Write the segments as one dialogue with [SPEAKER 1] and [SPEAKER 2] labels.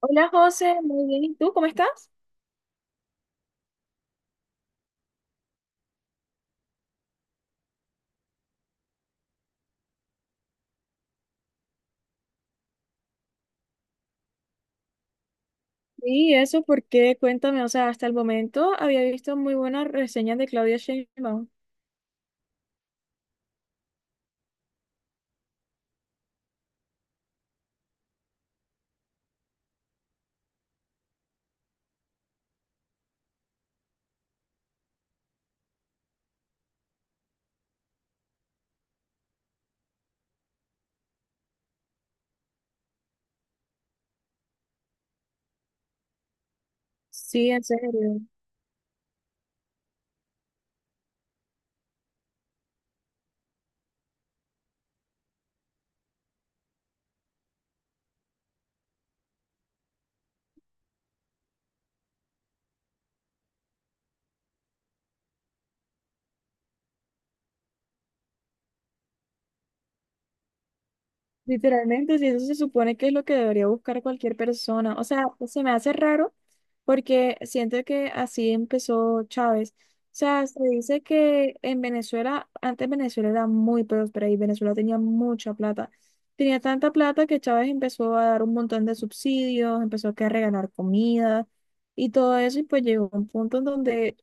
[SPEAKER 1] Hola José, muy bien. ¿Y tú cómo estás? Sí, eso porque cuéntame, o sea, hasta el momento había visto muy buenas reseñas de Claudia Sheinbaum. Sí, en serio. Literalmente, si eso se supone que es lo que debería buscar cualquier persona. O sea, se me hace raro porque siento que así empezó Chávez. O sea, se dice que en Venezuela, antes Venezuela era muy próspera y Venezuela tenía mucha plata. Tenía tanta plata que Chávez empezó a dar un montón de subsidios, empezó que a regalar comida y todo eso. Y pues llegó un punto en donde,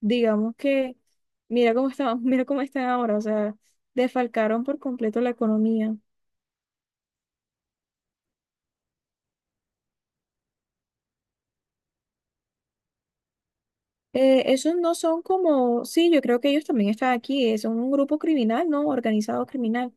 [SPEAKER 1] digamos que, mira cómo está, mira cómo están ahora. O sea, desfalcaron por completo la economía. Esos no son como, sí, yo creo que ellos también están aquí, son un grupo criminal, ¿no? Organizado criminal.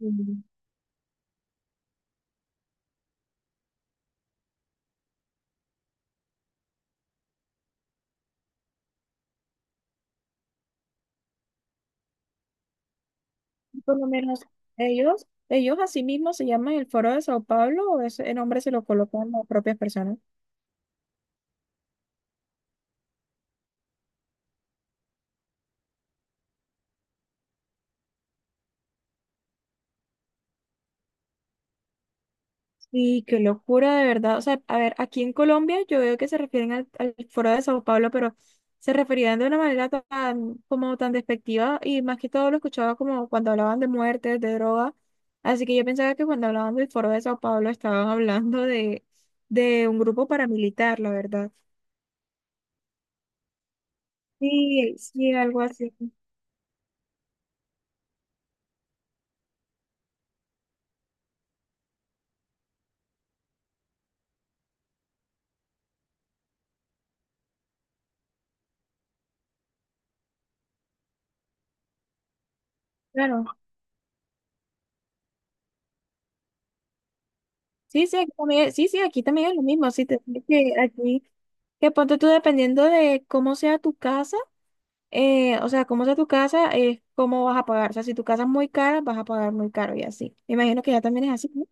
[SPEAKER 1] Mm. Por lo menos ellos así mismo se llaman el Foro de Sao Paulo, o ese nombre se lo colocan las propias personas. Sí, qué locura, de verdad. O sea, a ver, aquí en Colombia yo veo que se refieren al Foro de Sao Paulo, pero se referían de una manera tan, como tan despectiva y más que todo lo escuchaba como cuando hablaban de muertes, de drogas. Así que yo pensaba que cuando hablaban del Foro de Sao Paulo estaban hablando de un grupo paramilitar, la verdad. Sí, sí, algo así. Claro. Sí, sí, aquí también, sí, sí, aquí también es lo mismo. Sí, te digo que aquí, que ponte tú dependiendo de cómo sea tu casa, o sea, cómo sea tu casa, es cómo vas a pagar. O sea, si tu casa es muy cara, vas a pagar muy caro y así. Me imagino que ya también es así, ¿no?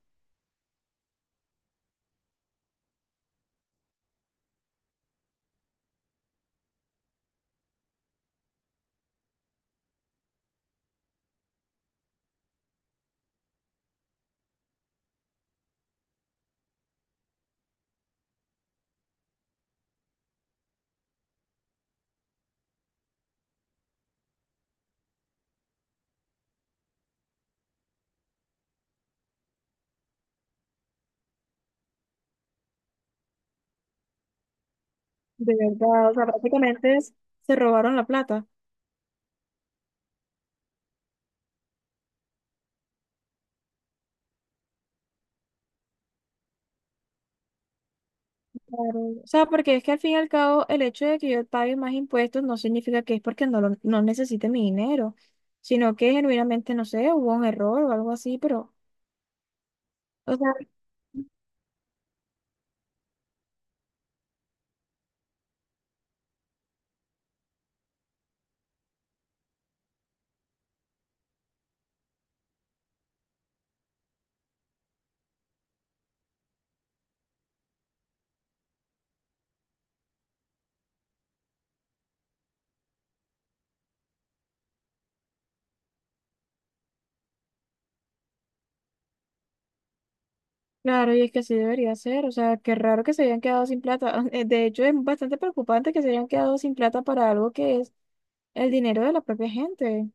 [SPEAKER 1] De verdad, o sea, prácticamente es- se robaron la plata. Claro. O sea, porque es que al fin y al cabo el hecho de que yo pague más impuestos no significa que es porque no, lo- no necesite mi dinero, sino que genuinamente, no sé, hubo un error o algo así, pero, o sea, claro, y es que así debería ser, o sea, qué raro que se hayan quedado sin plata. De hecho, es bastante preocupante que se hayan quedado sin plata para algo que es el dinero de la propia gente.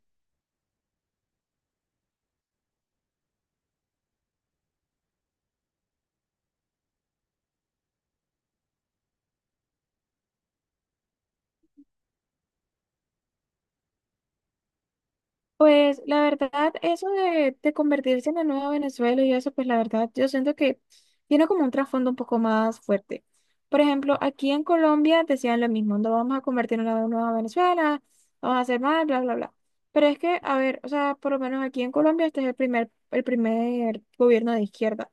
[SPEAKER 1] Pues la verdad, eso de convertirse en la nueva Venezuela y eso, pues la verdad, yo siento que tiene como un trasfondo un poco más fuerte. Por ejemplo, aquí en Colombia decían lo mismo, no vamos a convertir en la nueva Venezuela, vamos a hacer mal, bla, bla, bla. Pero es que, a ver, o sea, por lo menos aquí en Colombia este es el primer gobierno de izquierda.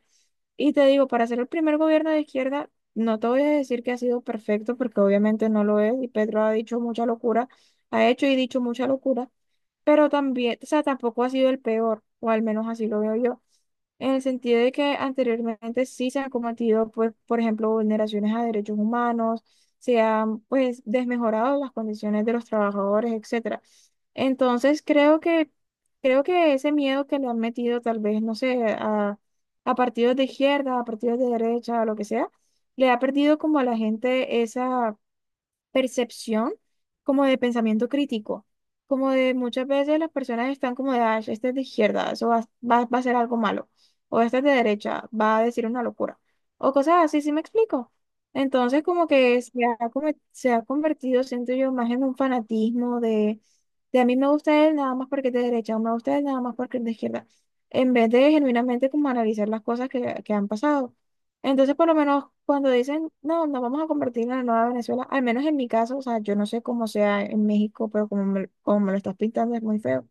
[SPEAKER 1] Y te digo, para ser el primer gobierno de izquierda, no te voy a decir que ha sido perfecto, porque obviamente no lo es, y Pedro ha dicho mucha locura, ha hecho y dicho mucha locura, pero también, o sea, tampoco ha sido el peor, o al menos así lo veo yo, en el sentido de que anteriormente sí se han cometido, pues, por ejemplo, vulneraciones a derechos humanos, se han, pues, desmejorado las condiciones de los trabajadores, etcétera. Entonces, creo que ese miedo que le han metido, tal vez, no sé, a partidos de izquierda, a partidos de derecha, a lo que sea, le ha perdido como a la gente esa percepción como de pensamiento crítico, como de muchas veces las personas están como de, ah, este es de izquierda, eso va, va, va a ser algo malo, o este es de derecha, va a decir una locura, o cosas así, ¿sí me explico? Entonces como que se ha, come- se ha convertido, siento yo, más en un fanatismo de a mí me gusta él nada más porque es de derecha, o me gusta él nada más porque es de izquierda, en vez de genuinamente como analizar las cosas que han pasado. Entonces, por lo menos cuando dicen, no, nos vamos a convertir en la nueva Venezuela, al menos en mi caso, o sea, yo no sé cómo sea en México, pero como me lo estás pintando es muy feo.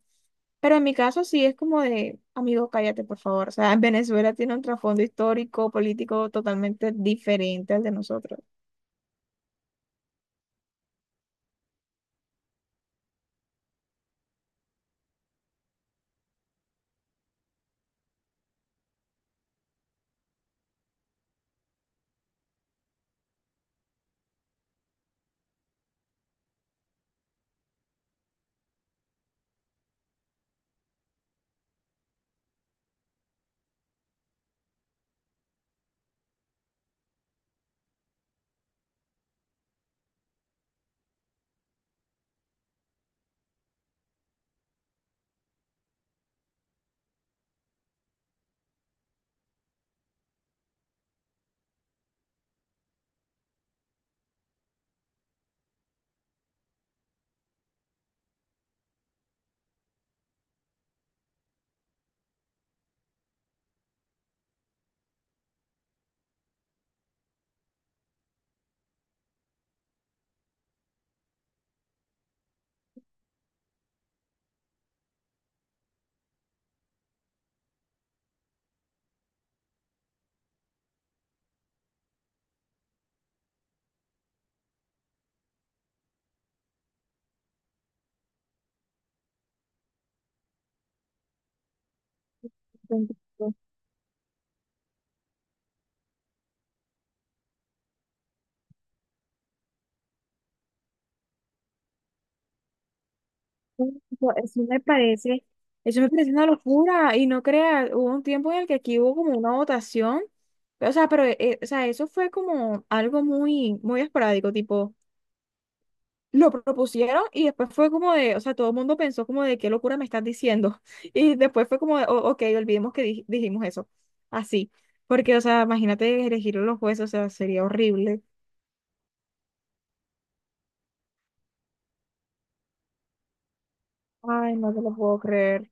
[SPEAKER 1] Pero en mi caso sí es como de, amigo, cállate, por favor. O sea, en Venezuela tiene un trasfondo histórico, político totalmente diferente al de nosotros. Entonces, eso me parece, eso me parece una locura. Y no creas, hubo un tiempo en el que aquí hubo como una votación. O sea, pero o sea, eso fue como algo muy, muy esporádico, tipo. Lo propusieron y después fue como de, o sea, todo el mundo pensó como de qué locura me estás diciendo. Y después fue como de, "Oh, ok, olvidemos que dij- dijimos eso." Así. Porque, o sea, imagínate elegir los jueces, o sea, sería horrible. Ay, no te lo puedo creer. O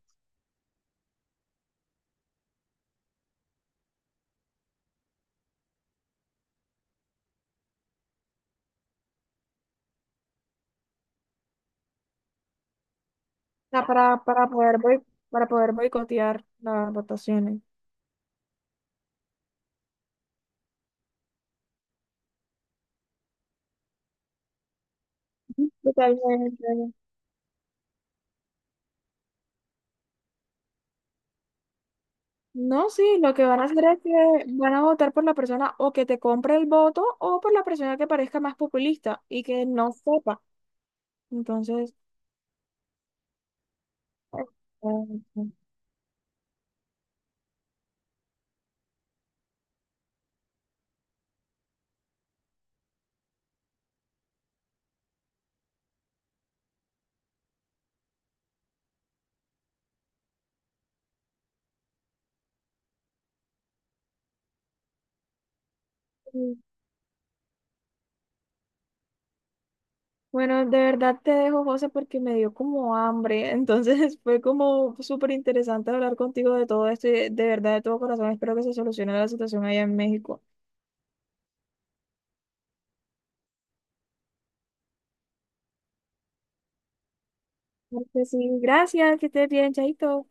[SPEAKER 1] sea, para poder boi- para poder boicotear las votaciones. Totalmente. No, sí, lo que van a hacer es que van a votar por la persona o que te compre el voto o por la persona que parezca más populista y que no sepa. Entonces, este, mm. Bueno, de verdad te dejo, José, porque me dio como hambre. Entonces fue como súper interesante hablar contigo de todo esto y de verdad de todo corazón espero que se solucione la situación allá en México. Porque sí, gracias, que estés bien, chaito.